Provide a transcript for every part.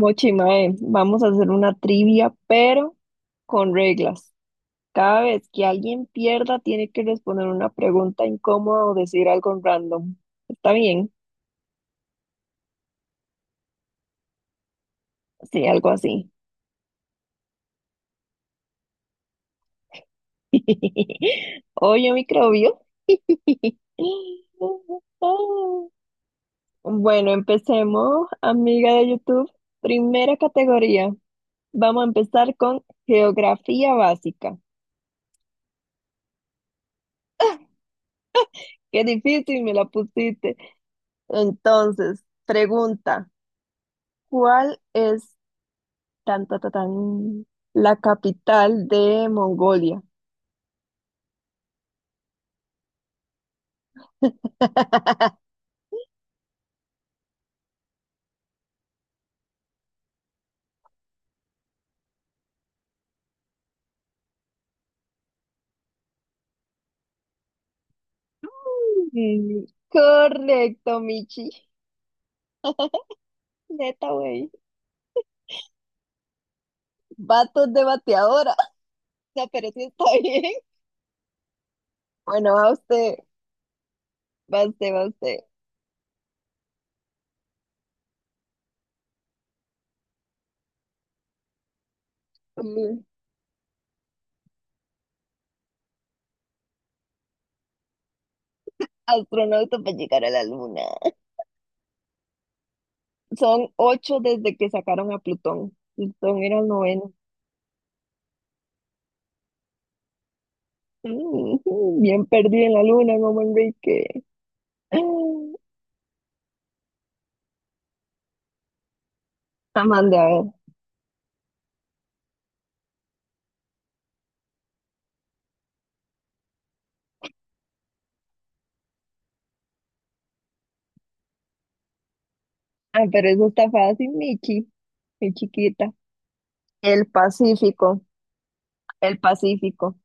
Mochi, mae, vamos a hacer una trivia, pero con reglas. Cada vez que alguien pierda, tiene que responder una pregunta incómoda o decir algo random. ¿Está bien? Sí, algo así. Oye, microbio. Bueno, empecemos, amiga de YouTube. Primera categoría. Vamos a empezar con geografía básica. Qué difícil me la pusiste. Entonces, pregunta. ¿Cuál es tan, ta, ta, tan, la capital de Mongolia? Correcto, Michi. Neta, güey. Vatos de bateadora. No, pero sí está bien. Bueno, va usted, va usted. Mm. Astronauta para llegar a la luna. Son ocho desde que sacaron a Plutón. Plutón era el noveno. Mm. Bien perdido en la luna, como Enrique. Ah, Amanda, a ver. Ah, pero eso está fácil, Michi. Qué chiquita. El Pacífico, el Pacífico.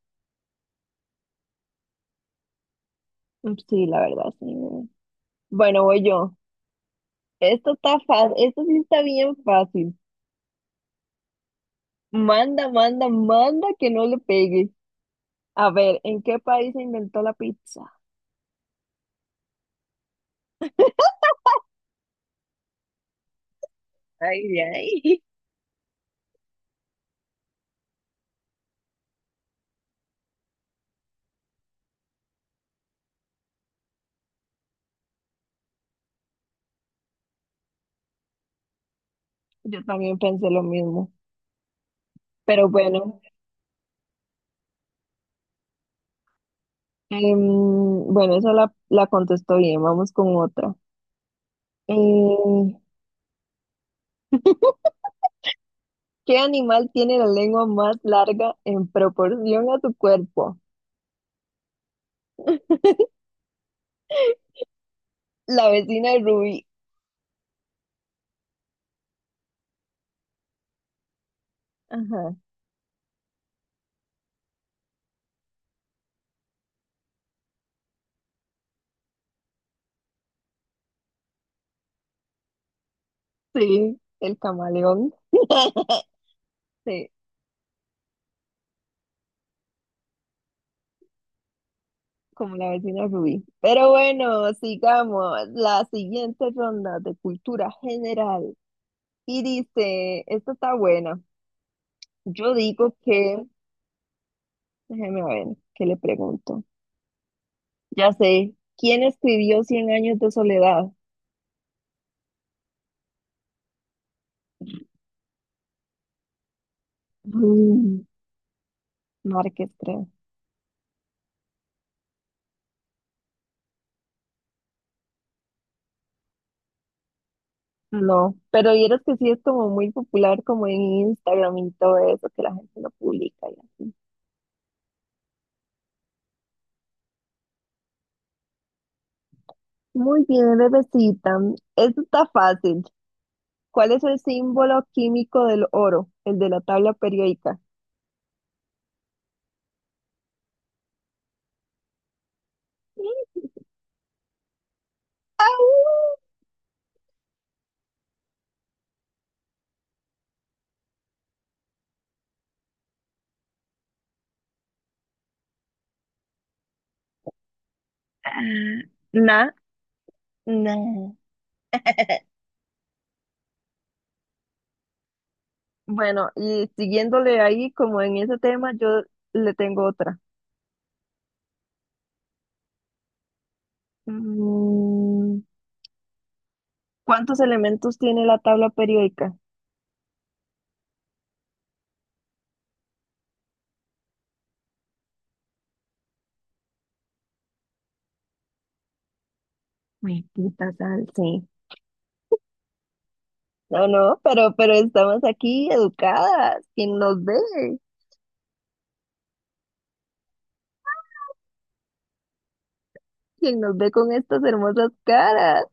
Mm, sí, la verdad, sí. Bueno, voy yo. Esto está fácil, esto sí está bien fácil. Manda que no le pegue. A ver, ¿en qué país se inventó la pizza? Ay, ay. Yo también pensé lo mismo. Pero bueno, bueno, esa la contestó bien. Vamos con otra. Eh, ¿Qué animal tiene la lengua más larga en proporción a su cuerpo? La vecina de Rubí. Ajá, sí, el camaleón. Sí, como la vecina Rubí. Pero bueno, sigamos. La siguiente ronda de cultura general. Y dice, esta está buena. Yo digo que, déjeme ver, ¿qué le pregunto? Ya sé, ¿quién escribió Cien años de soledad? Mm, Márquez, creo. No, pero vieras que sí es como muy popular como en Instagram y todo eso, que la gente lo publica. Muy bien, bebecita. Esto está fácil. ¿Cuál es el símbolo químico del oro? El de la tabla periódica. ¡Au! Ah, Na, na. Bueno, y siguiéndole ahí, como en ese tema, yo le tengo otra. Mm, ¿cuántos elementos tiene la tabla periódica? Uy, puta sal. Sí. No, pero estamos aquí educadas. ¿Quién nos ve? ¿Quién nos ve con estas hermosas caras?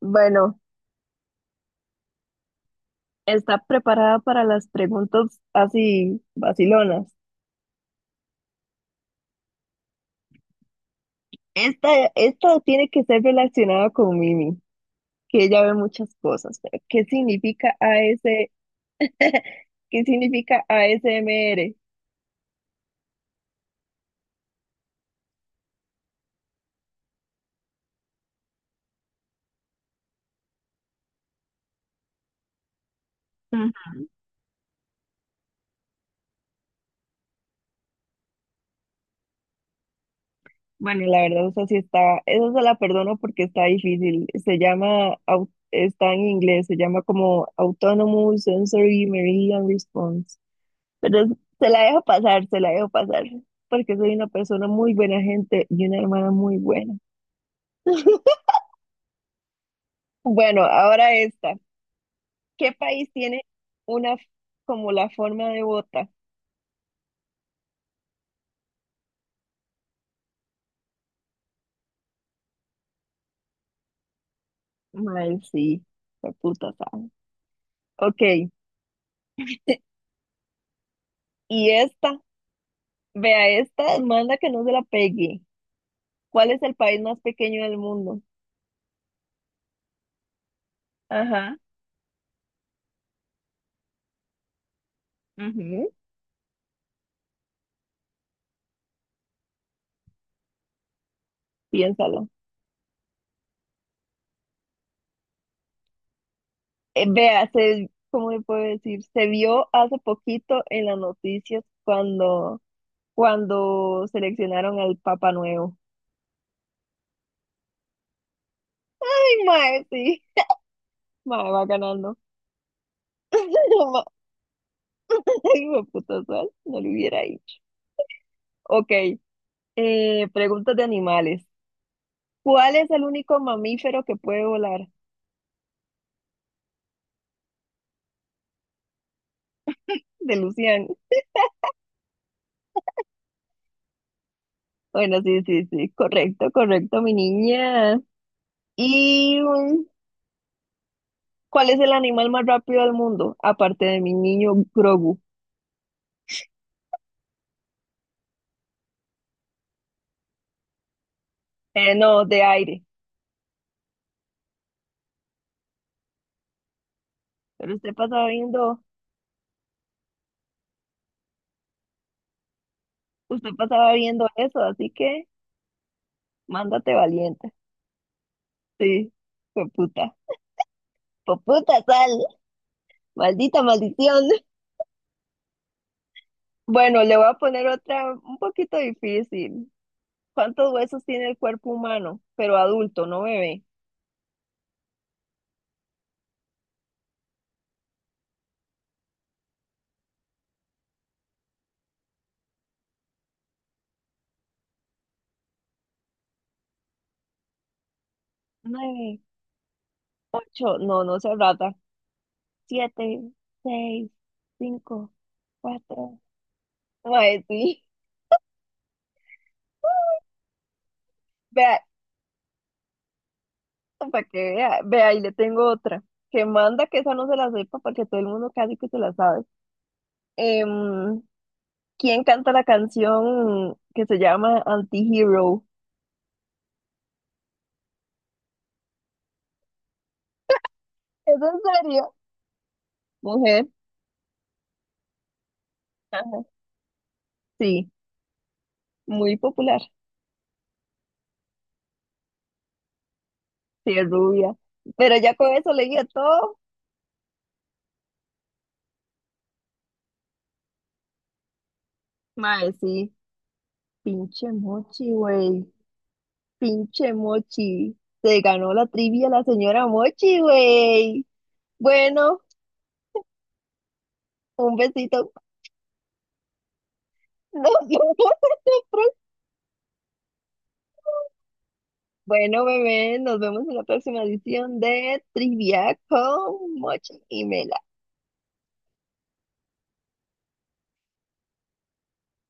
Bueno, está preparada para las preguntas así vacilonas. Esta, esta tiene que ser relacionada con Mimi, que ella ve muchas cosas. Pero, ¿Qué significa a AS, qué significa a ASMR? Mm, bueno, la verdad, esa sí está, esa se la perdono porque está difícil. Se llama, au- está en inglés, se llama como Autonomous Sensory Meridian Response. Pero es- se la dejo pasar, porque soy una persona muy buena gente y una hermana muy buena. Bueno, ahora esta. ¿Qué país tiene una f- como la forma de bota? Ay, sí, la puta sabe. Ok, y esta, vea esta, manda que no se la pegue. ¿Cuál es el país más pequeño del mundo? Ajá, ujú, piénsalo. Vea, se, ¿cómo le puedo decir? Se vio hace poquito en las noticias cuando seleccionaron al Papa Nuevo. Ay, mae, sí, mae, va ganando. Hijo de puta sol, no lo hubiera dicho. Ok, preguntas de animales. ¿Cuál es el único mamífero que puede volar? De Lucian. Bueno, sí, sí, sí, correcto, correcto, mi niña. ¿Y cuál es el animal más rápido del mundo? Aparte de mi niño Grogu. No, de aire. Pero usted pasaba viendo eso, así que mándate valiente. Sí, hijo puta. Hijo puta sal, maldita maldición. Bueno, le voy a poner otra un poquito difícil. ¿Cuántos huesos tiene el cuerpo humano? Pero adulto, no bebé. Nueve, ocho, no, no se rata. Siete, seis, cinco, cuatro. Ay, sí. Vea, para que vea, vea, y le tengo otra. Que manda que esa no se la sepa porque todo el mundo casi que se la sabe. Em, ¿Quién canta la canción que se llama Anti-Hero? ¿Es en serio? Mujer. Ajá. Sí, muy popular. Sí, es rubia. Pero ya con eso leía todo. Mae, sí. Pinche Mochi, güey. Pinche Mochi. Se ganó la trivia la señora Mochi, güey. Bueno, un besito. Nos vemos en la pro- Bueno, bebé, nos vemos en la próxima edición de Trivia con Mochi y Mela.